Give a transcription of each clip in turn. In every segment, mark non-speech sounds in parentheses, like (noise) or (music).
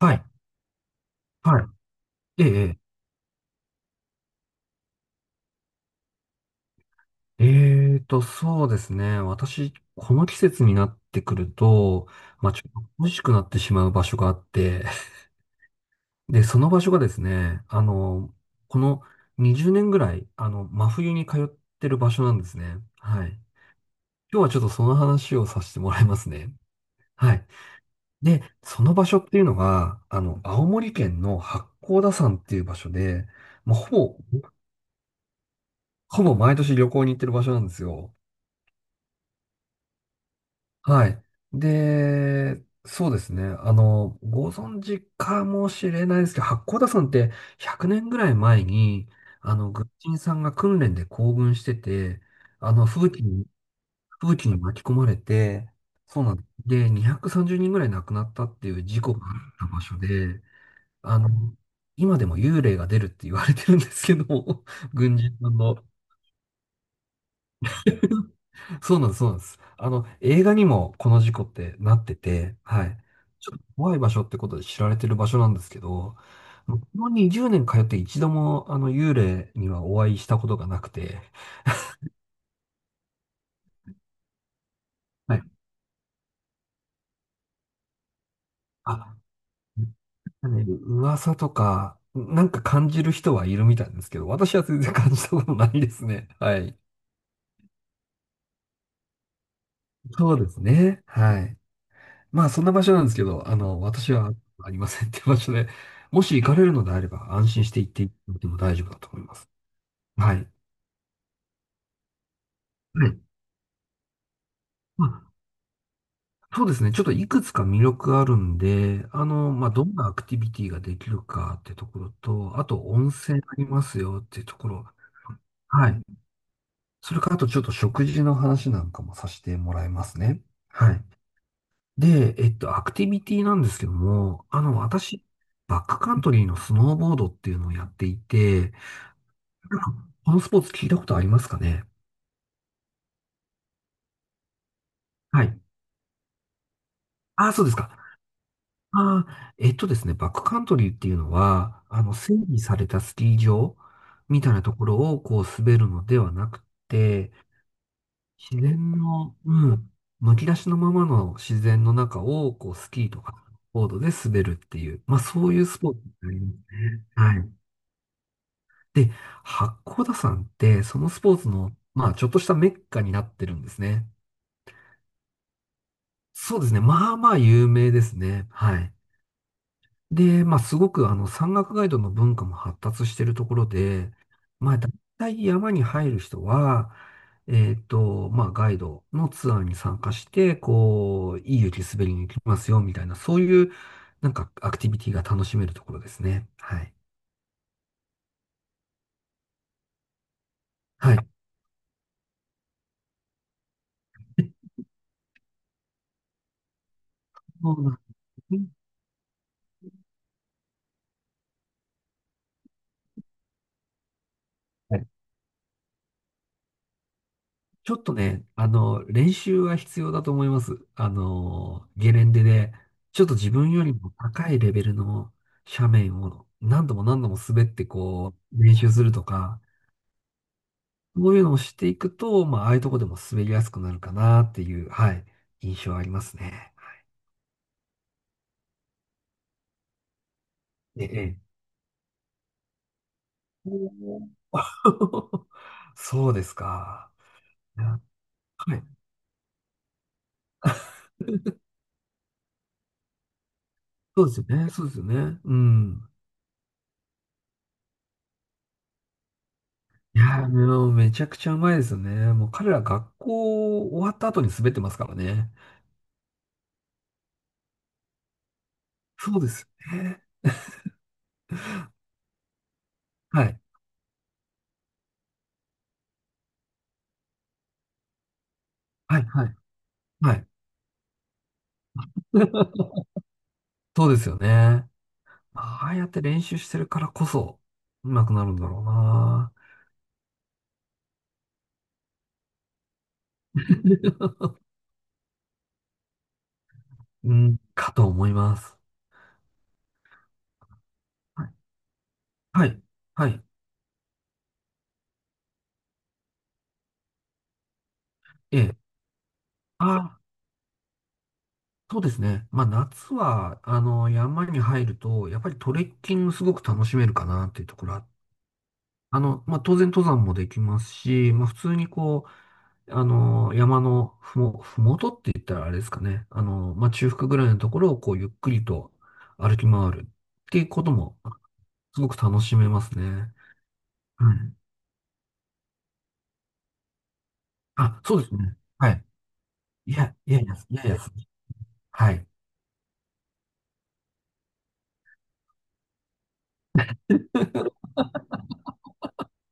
はい。はい。ええ、そうですね。私、この季節になってくると、まあ、ちょっと恋しくなってしまう場所があって、(laughs) で、その場所がですね、この20年ぐらい、真冬に通ってる場所なんですね。はい。今日はちょっとその話をさせてもらいますね。はい。で、その場所っていうのが、青森県の八甲田山っていう場所で、もうほぼ毎年旅行に行ってる場所なんですよ。はい。で、そうですね。ご存知かもしれないですけど、八甲田山って100年ぐらい前に、軍人さんが訓練で行軍してて、あの、風紀に、風紀に巻き込まれて、そうなんです。で、230人ぐらい亡くなったっていう事故があった場所で、あの、今でも幽霊が出るって言われてるんですけど、(laughs) 軍人さんの。そうなんです、そうなんです。映画にもこの事故ってなってて、はい。ちょっと怖い場所ってことで知られてる場所なんですけど、この20年通って一度もあの幽霊にはお会いしたことがなくて、はい。あ、ね、噂とか、なんか感じる人はいるみたいですけど、私は全然感じたことないですね。はい。そうですね。はい。まあ、そんな場所なんですけど、私はありませんっていう場所で、もし行かれるのであれば安心して行っていただいても大丈夫だと思います。はい。はい。まあ、そうですね。ちょっといくつか魅力あるんで、まあ、どんなアクティビティができるかってところと、あと温泉ありますよっていうところ。はい。それからあとちょっと食事の話なんかもさせてもらいますね。はい。で、アクティビティなんですけども、私、バックカントリーのスノーボードっていうのをやっていて、なんかこのスポーツ聞いたことありますかね？はい。ああ、そうですか。ああ、えっとですね、バックカントリーっていうのは、整備されたスキー場みたいなところをこう滑るのではなくて、自然の、うん、むき出しのままの自然の中をこうスキーとかボードで滑るっていう、まあそういうスポーツになりますね。はい。で、八甲田山ってそのスポーツの、まあちょっとしたメッカになってるんですね。そうですね。まあまあ有名ですね。はい。で、まあ、すごく山岳ガイドの文化も発達しているところで、まあ、大体山に入る人は、まあ、ガイドのツアーに参加して、こう、いい雪滑りに行きますよ、みたいな、そういう、なんか、アクティビティが楽しめるところですね。はい。はい。そうなんですね。ちょっとね、練習は必要だと思います。ゲレンデで、ちょっと自分よりも高いレベルの斜面を何度も何度も滑ってこう、練習するとか、そういうのをしていくと、まあ、ああいうとこでも滑りやすくなるかなっていう、はい、印象ありますね。はい。ええ。おー (laughs) そうですか。いや、はい。そうですよね。そうですよね。うん。いやー、もうめちゃくちゃうまいですよね。もう彼ら学校終わった後に滑ってますからね。そうですよね。はい。はい、はい、はい。(laughs) そうですよね。ああやって練習してるからこそ、うまくなるんだろうな。うん、かと思います。はい。はい。はい。ええ。ああ、そうですね。まあ、夏は、山に入ると、やっぱりトレッキングすごく楽しめるかなっていうところまあ、当然登山もできますし、まあ、普通にこう、山のふもとって言ったらあれですかね。まあ、中腹ぐらいのところをこう、ゆっくりと歩き回るっていうことも、すごく楽しめますね。はい。あ、そうですね。はい。いや、いやいや、いやいや、はい。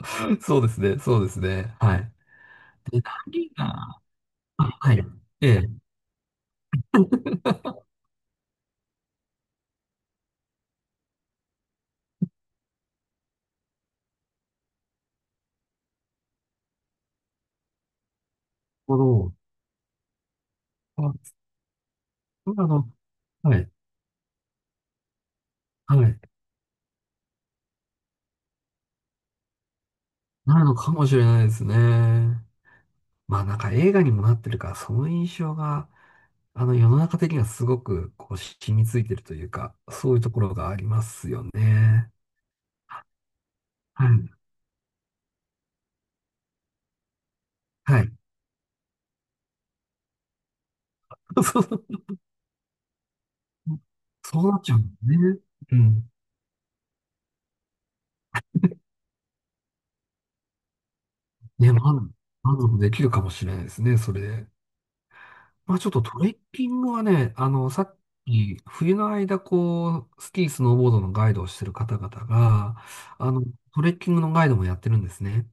(laughs) そうですね、そうですね。はい。で、何が、あ、はい。ええ、なるほど。あ、そうなの。はい。はい。なるのかもしれないですね。まあなんか映画にもなってるから、その印象が、あの世の中的にはすごくこう染みついてるというか、そういうところがありますよね。はい。はい。(laughs) そうそうそうなっちゃうんだね。うん。ね、満足できるかもしれないですね、それで。まあちょっとトレッキングはね、さっき、冬の間、こう、スキー、スノーボードのガイドをしてる方々が、あの、トレッキングのガイドもやってるんですね。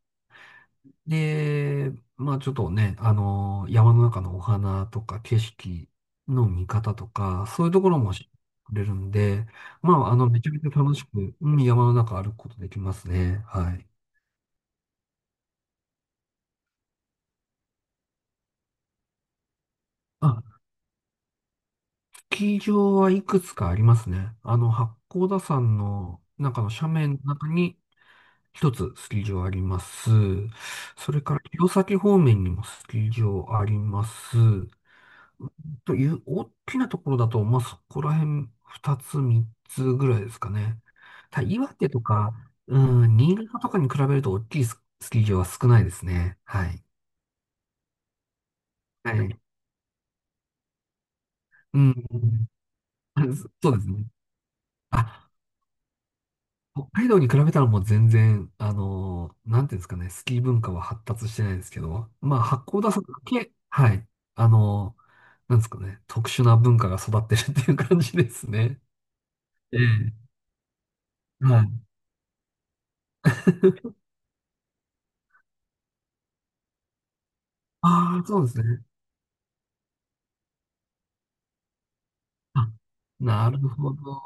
で、まあちょっとね、山の中のお花とか景色の見方とか、そういうところも知ってくれるんで、まあめちゃめちゃ楽しく、うん、山の中歩くことできますね。はい。あ、スキー場はいくつかありますね。八甲田山の中の斜面の中に一つスキー場あります。それから、弘前方面にもスキー場あります。という、大きなところだと、まあ、そこら辺、二つ、三つぐらいですかね。ただ、岩手とか、うん、新潟とかに比べると大きいスキー場は少ないですね。はい。はい。うん。(laughs) そうですね。あ、北海道に比べたらもう全然、なんていうんですかね、スキー文化は発達してないですけど、まあ、八甲田山だけ、はい。あのーなんですかね、特殊な文化が育ってるっていう感じですね。ええ。はい。(laughs) ああ、そうですね。あ、なるほど。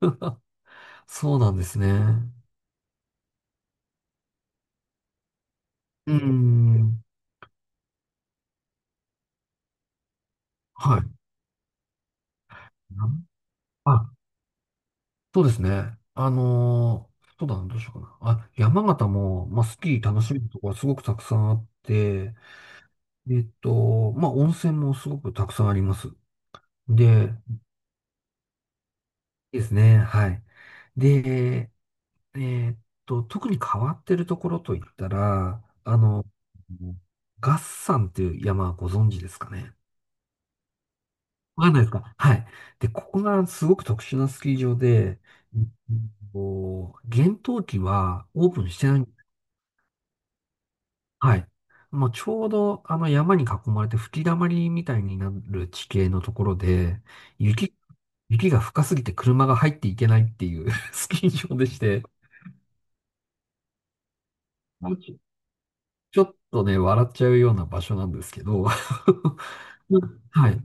(laughs) そうなんですね。うーん。はい。あ、そうですね。そうだな、どうしようかな。あ、山形も、まあ、スキー楽しめるところがすごくたくさんあって、まあ、温泉もすごくたくさんあります。で、いいですね。はい。で、えっ特に変わってるところといったら、月山っていう山はご存知ですかね？わかんないですか？はい。で、ここがすごく特殊なスキー場で、うんこう、厳冬期はオープンしてない。はい。もうちょうどあの山に囲まれて吹き溜まりみたいになる地形のところで、雪、雪が深すぎて車が入っていけないっていう (laughs) スキー場でして、ちょっとね、笑っちゃうような場所なんですけど、(laughs) はい。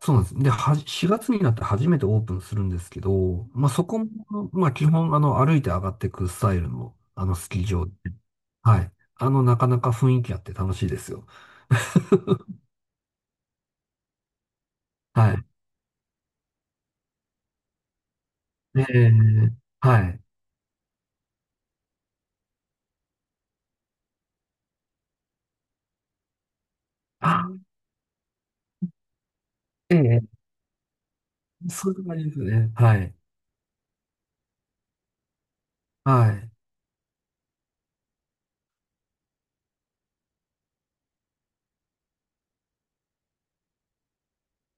そうなんです。で、4月になって初めてオープンするんですけど、まあ、そこも、まあ、基本、歩いて上がっていくスタイルの、スキー場で。はい。なかなか雰囲気あって楽しいですよ。(laughs) はい。えーはい。あ、ええ、そういう感じですね。はい。はい。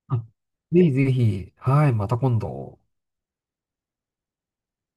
あ、ぜひぜひ、はい、また今度。